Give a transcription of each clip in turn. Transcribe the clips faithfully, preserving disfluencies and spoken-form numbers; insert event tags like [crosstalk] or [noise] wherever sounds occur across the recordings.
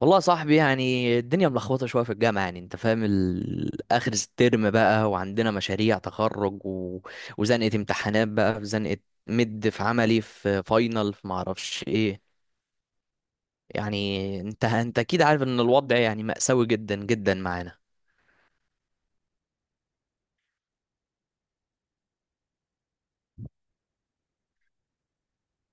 والله يا صاحبي، يعني الدنيا ملخبطه شويه في الجامعه. يعني انت فاهم، ال- اخر الترم بقى وعندنا مشاريع تخرج و... وزنقه امتحانات، بقى في زنقه مد، في عملي، في فاينل، في معرفش ايه. يعني انت انت اكيد عارف ان الوضع يعني مأساوي جدا جدا معانا.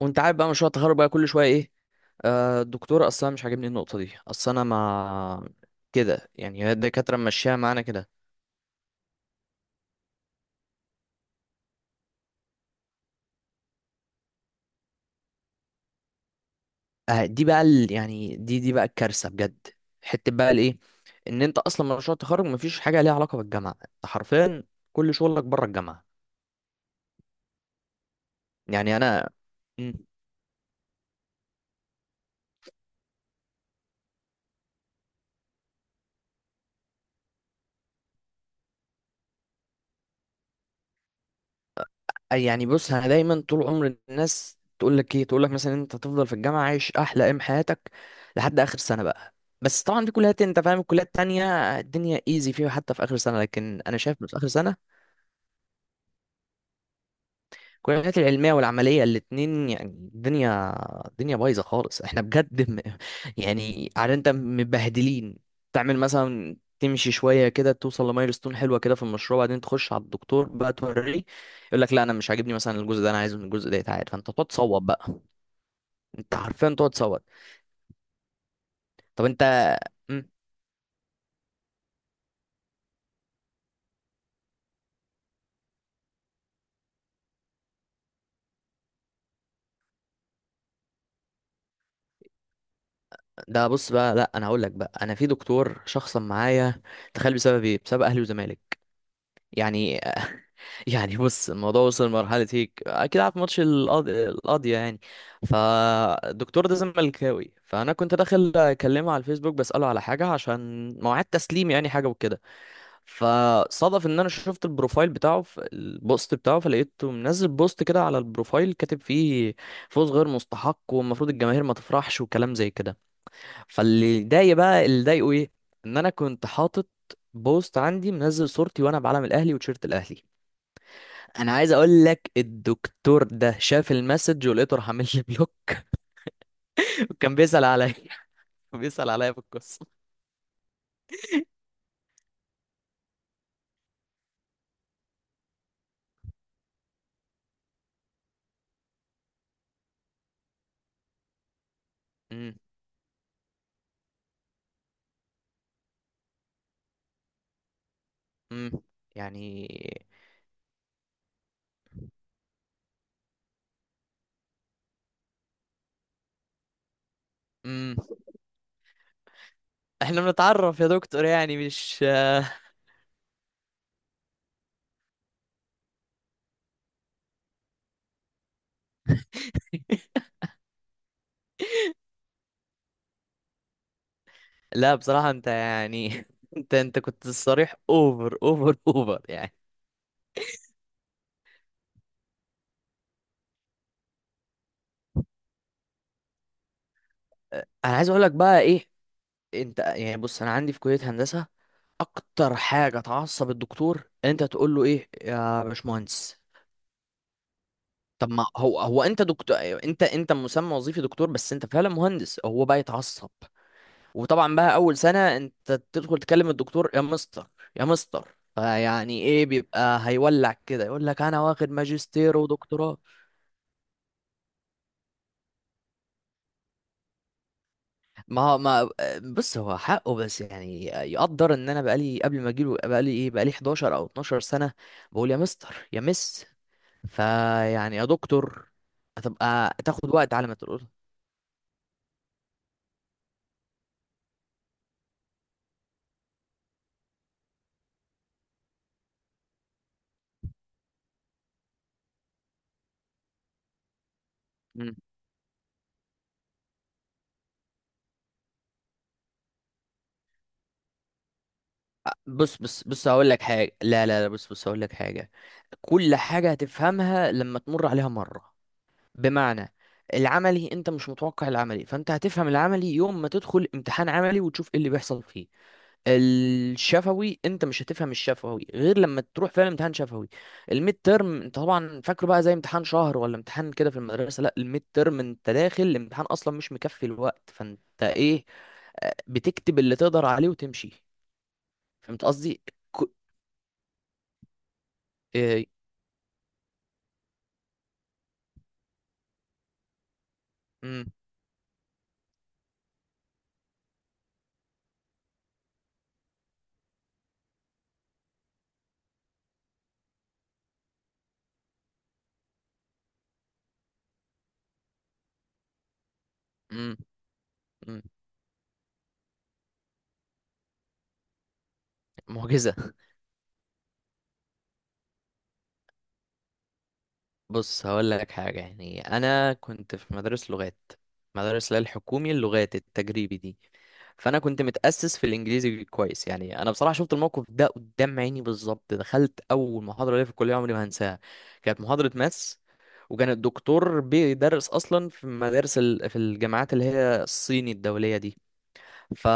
وانت عارف بقى مشروع التخرج بقى كل شويه ايه؟ آه، الدكتور اصلا مش عاجبني النقطه دي. اصل انا ما كده، يعني هي الدكاتره ماشيها معانا كده. آه، دي بقى ال... يعني دي دي بقى الكارثه بجد. حته بقى الايه، ان انت اصلا مشروع التخرج مفيش حاجه ليها علاقه بالجامعه. انت حرفيا كل شغلك بره الجامعه. يعني انا. مم. أي- يعني بص، انا دايما طول عمر الناس تقول لك ايه، تقول لك مثلا انت تفضل في الجامعه عايش احلى ايام حياتك لحد اخر سنه بقى. بس طبعا في كليات، انت فاهم، الكليات التانية الدنيا ايزي فيها حتى في اخر سنه. لكن انا شايف إن في اخر سنه الكليات العلمية والعملية الاتنين يعني الدنيا، الدنيا بايظة خالص. احنا بجد م... [laughs] يعني عارف انت مبهدلين. تعمل مثلا، تمشي شوية كده، توصل لمايلستون حلوة كده في المشروع، بعدين تخش على الدكتور بقى توريه، يقول لك لا انا مش عاجبني مثلا الجزء ده، انا عايز من الجزء ده يتعاد، فانت تقعد تصوت بقى. انت حرفيا تقعد تصوت. طب انت. مم، ده بص بقى، لا انا هقول لك بقى، انا في دكتور شخصا معايا. تخيل بسبب ايه؟ بسبب اهلي وزمالك. يعني [laughs] يعني بص، الموضوع وصل لمرحلة هيك أكيد عارف ماتش القاض- القاضية يعني. فالدكتور ده زملكاوي، فأنا كنت داخل أكلمه على الفيسبوك بسأله على حاجة عشان مواعيد تسليم يعني، حاجة وكده. فصادف إن أنا شفت البروفايل بتاعه في البوست بتاعه، فلقيته منزل بوست كده على البروفايل كاتب فيه فوز غير مستحق والمفروض الجماهير ما تفرحش وكلام زي كده. فاللي ضايق بقى، اللي ضايقه إيه، إن أنا كنت حاطط بوست عندي، منزل صورتي وأنا بعلم الأهلي وتيشيرت الأهلي. انا عايز اقول لك الدكتور ده شاف المسج ولقيته راح عامل لي بلوك. [laughs] وكان بيسأل عليا. [laughs] بيسأل عليا في القصة. امم. امم. يعني. امم. احنا بنتعرف يا دكتور يعني، مش [laughs] لا بصراحة، انت يعني [laughs] انت انت كنت صريح اوفر اوفر اوفر يعني. انا عايز اقول لك بقى ايه، انت يعني بص، انا عندي في كلية هندسة اكتر حاجة تعصب الدكتور ان انت تقول له ايه يا باشمهندس. طب ما هو، هو انت دكتور، انت انت مسمى وظيفي دكتور، بس انت فعلا مهندس. هو بقى يتعصب. وطبعا بقى اول سنة انت تدخل تكلم الدكتور يا مستر، يا مستر، فيعني ايه، بيبقى هيولع كده يقول لك انا واخد ماجستير ودكتوراه. ما هو- ما بص، هو حقه، بس يعني يقدر ان انا بقالي قبل ما اجيله بقالي ايه، بقالي حداشر او 12 سنة بقول يا مستر، يا مس، فيعني يا دكتور هتبقى تاخد وقت على ما تقول. بص بص بص هقول لك حاجة. لا لا لا بص بص هقول لك حاجة. كل حاجة هتفهمها لما تمر عليها مرة. بمعنى، العملي انت مش متوقع العملي، فانت هتفهم العملي يوم ما تدخل امتحان عملي وتشوف ايه اللي بيحصل فيه. الشفوي انت مش هتفهم الشفوي غير لما تروح فعلا امتحان شفوي. الميد ترم انت طبعا فاكره بقى زي امتحان شهر ولا امتحان كده في المدرسة؟ لا، الميد ترم انت داخل الامتحان اصلا مش مكفي الوقت، فانت ايه، آه، بتكتب اللي تقدر عليه وتمشي. فهمت قصدي؟ ك- آه، امم. امم. امم. معجزة. بص هقول لك حاجة، يعني أنا كنت في مدارس لغات، مدارس اللي هي الحكومي اللغات التجريبي دي. فأنا كنت متأسس في الإنجليزي كويس. يعني أنا بصراحة شفت الموقف ده قدام عيني بالظبط. دخلت أول محاضرة ليا في الكلية عمري ما هنساها. كانت محاضرة ماس، وكان الدكتور بيدرس أصلا في مدارس ال... في الجامعات اللي هي الصيني الدولية دي. ف...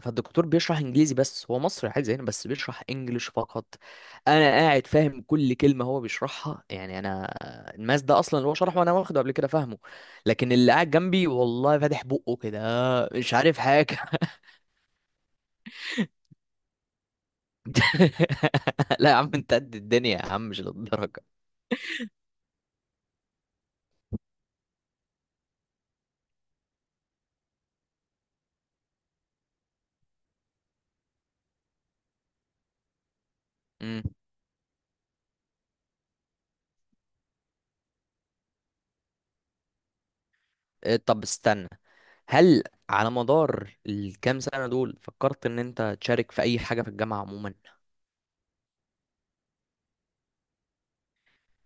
فالدكتور بيشرح انجليزي، بس هو مصري عادي زينا بس بيشرح انجليش فقط. انا قاعد فاهم كل كلمه هو بيشرحها، يعني انا الماس ده اصلا اللي هو شرحه وانا واخده قبل كده فاهمه. لكن اللي قاعد جنبي والله فاتح بقه كده، مش عارف حاجه. [laughs] لا يا عم انت قد الدنيا يا عم، مش للدرجه. امم. إيه، طب استنى، هل على مدار الكام سنه دول فكرت ان انت تشارك في اي حاجه في الجامعه عموما؟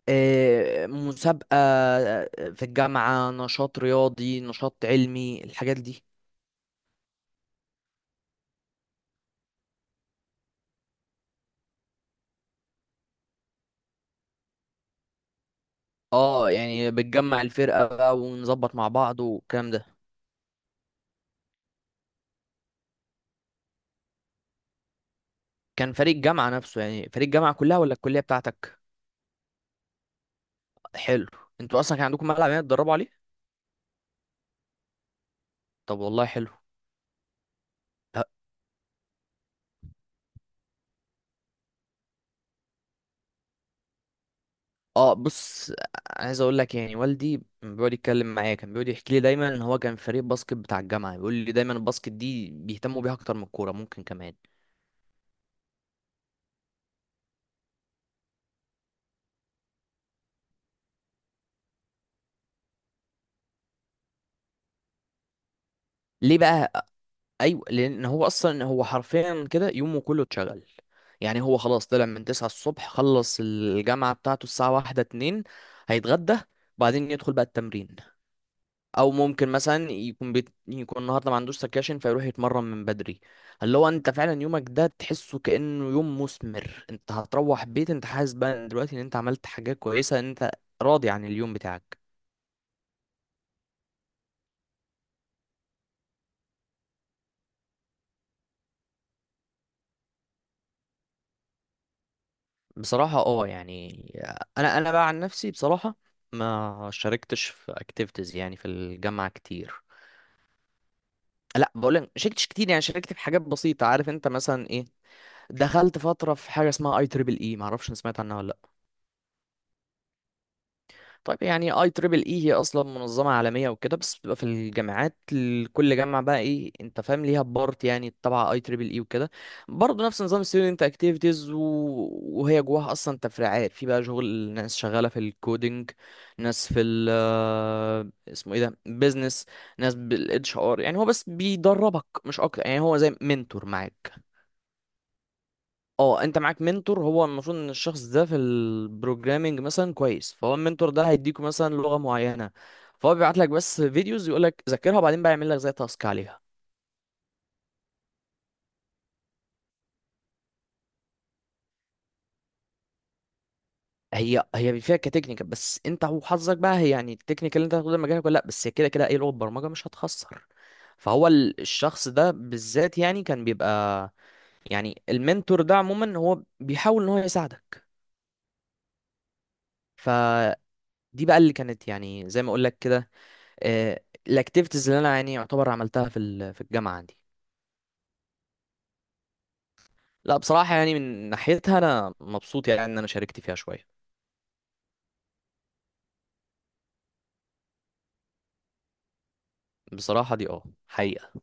آه، مسابقة، آه، في الجامعة، نشاط رياضي، نشاط علمي، الحاجات دي. اه يعني بتجمع الفرقة بقى ونظبط مع بعض والكلام ده. كان فريق الجامعة نفسه يعني فريق الجامعة كلها ولا الكلية بتاعتك؟ حلو. انتوا اصلا كان عندكم ملعب يعني تدربوا عليه؟ طب والله حلو. اه بص، عايز اقول لك، يعني والدي بيقعد يتكلم معايا كان بيقعد يحكي لي دايما ان هو كان فريق باسكت بتاع الجامعه، بيقول لي دايما الباسكت دي بيهتموا بيها اكتر من الكوره ممكن كمان. ليه بقى؟ ايوه، لان هو اصلا هو حرفيا كده يومه كله اتشغل. يعني هو خلاص طلع من تسعة الصبح، خلص الجامعه بتاعته الساعه واحدة اتنين، هيتغدى، بعدين يدخل بقى التمرين. او ممكن مثلا يكون بيت... يكون النهارده ما عندوش سكاشن فيروح يتمرن من بدري. اللي هو انت فعلا يومك ده تحسه كانه يوم مثمر. انت هتروح بيت انت حاسس بقى دلوقتي ان انت عملت حاجات كويسه، ان انت راضي عن اليوم بتاعك. بصراحة اه يعني، انا انا بقى عن نفسي بصراحة ما شاركتش في اكتيفيتيز يعني في الجامعة كتير. لا بقول لك ما شاركتش كتير، يعني شاركت في حاجات بسيطة. عارف انت مثلا ايه، دخلت فترة في حاجة اسمها اي تريبل اي، ما اعرفش سمعت عنها ولا؟ طيب يعني اي تريبل اي هي اصلا منظمه عالميه وكده، بس بتبقى في الجامعات، ال- كل جامعه بقى ايه، انت فاهم، ليها بارت يعني تبع اي تريبل اي وكده. برضه نفس نظام ستودنت اكتيفيتيز. وهي جواها اصلا تفريعات، في بقى شغل ناس شغاله في الكودينج، ناس في ال آه، اسمه ايه ده، بيزنس، ناس بالاتش ار. يعني هو بس بيدربك مش اكتر، يعني هو زي منتور معاك. اه، انت معاك منتور، هو المفروض ان الشخص ده في البروجرامينج مثلا كويس، فهو المنتور ده هيديكوا مثلا لغة معينة، فهو بيبعت لك بس فيديوز يقول لك ذاكرها، وبعدين بقى يعمل لك زي تاسك عليها. هي هي فيها كتكنيكال، بس انت وحظك بقى، هي يعني التكنيكال اللي انت هتاخده ده مجالك ولا لا، بس هي كده كده اي لغة برمجة مش هتخسر. فهو ال- الشخص ده بالذات يعني كان بيبقى، يعني المنتور ده عموما هو بيحاول ان هو يساعدك. فدي بقى اللي كانت يعني زي ما اقول لك كده، الاكتيفيتيز اللي انا يعني يعتبر عملتها في ال- في الجامعه عندي. لا بصراحه يعني من ناحيتها انا مبسوط يعني ان انا شاركت فيها شويه. بصراحه دي اه حقيقي.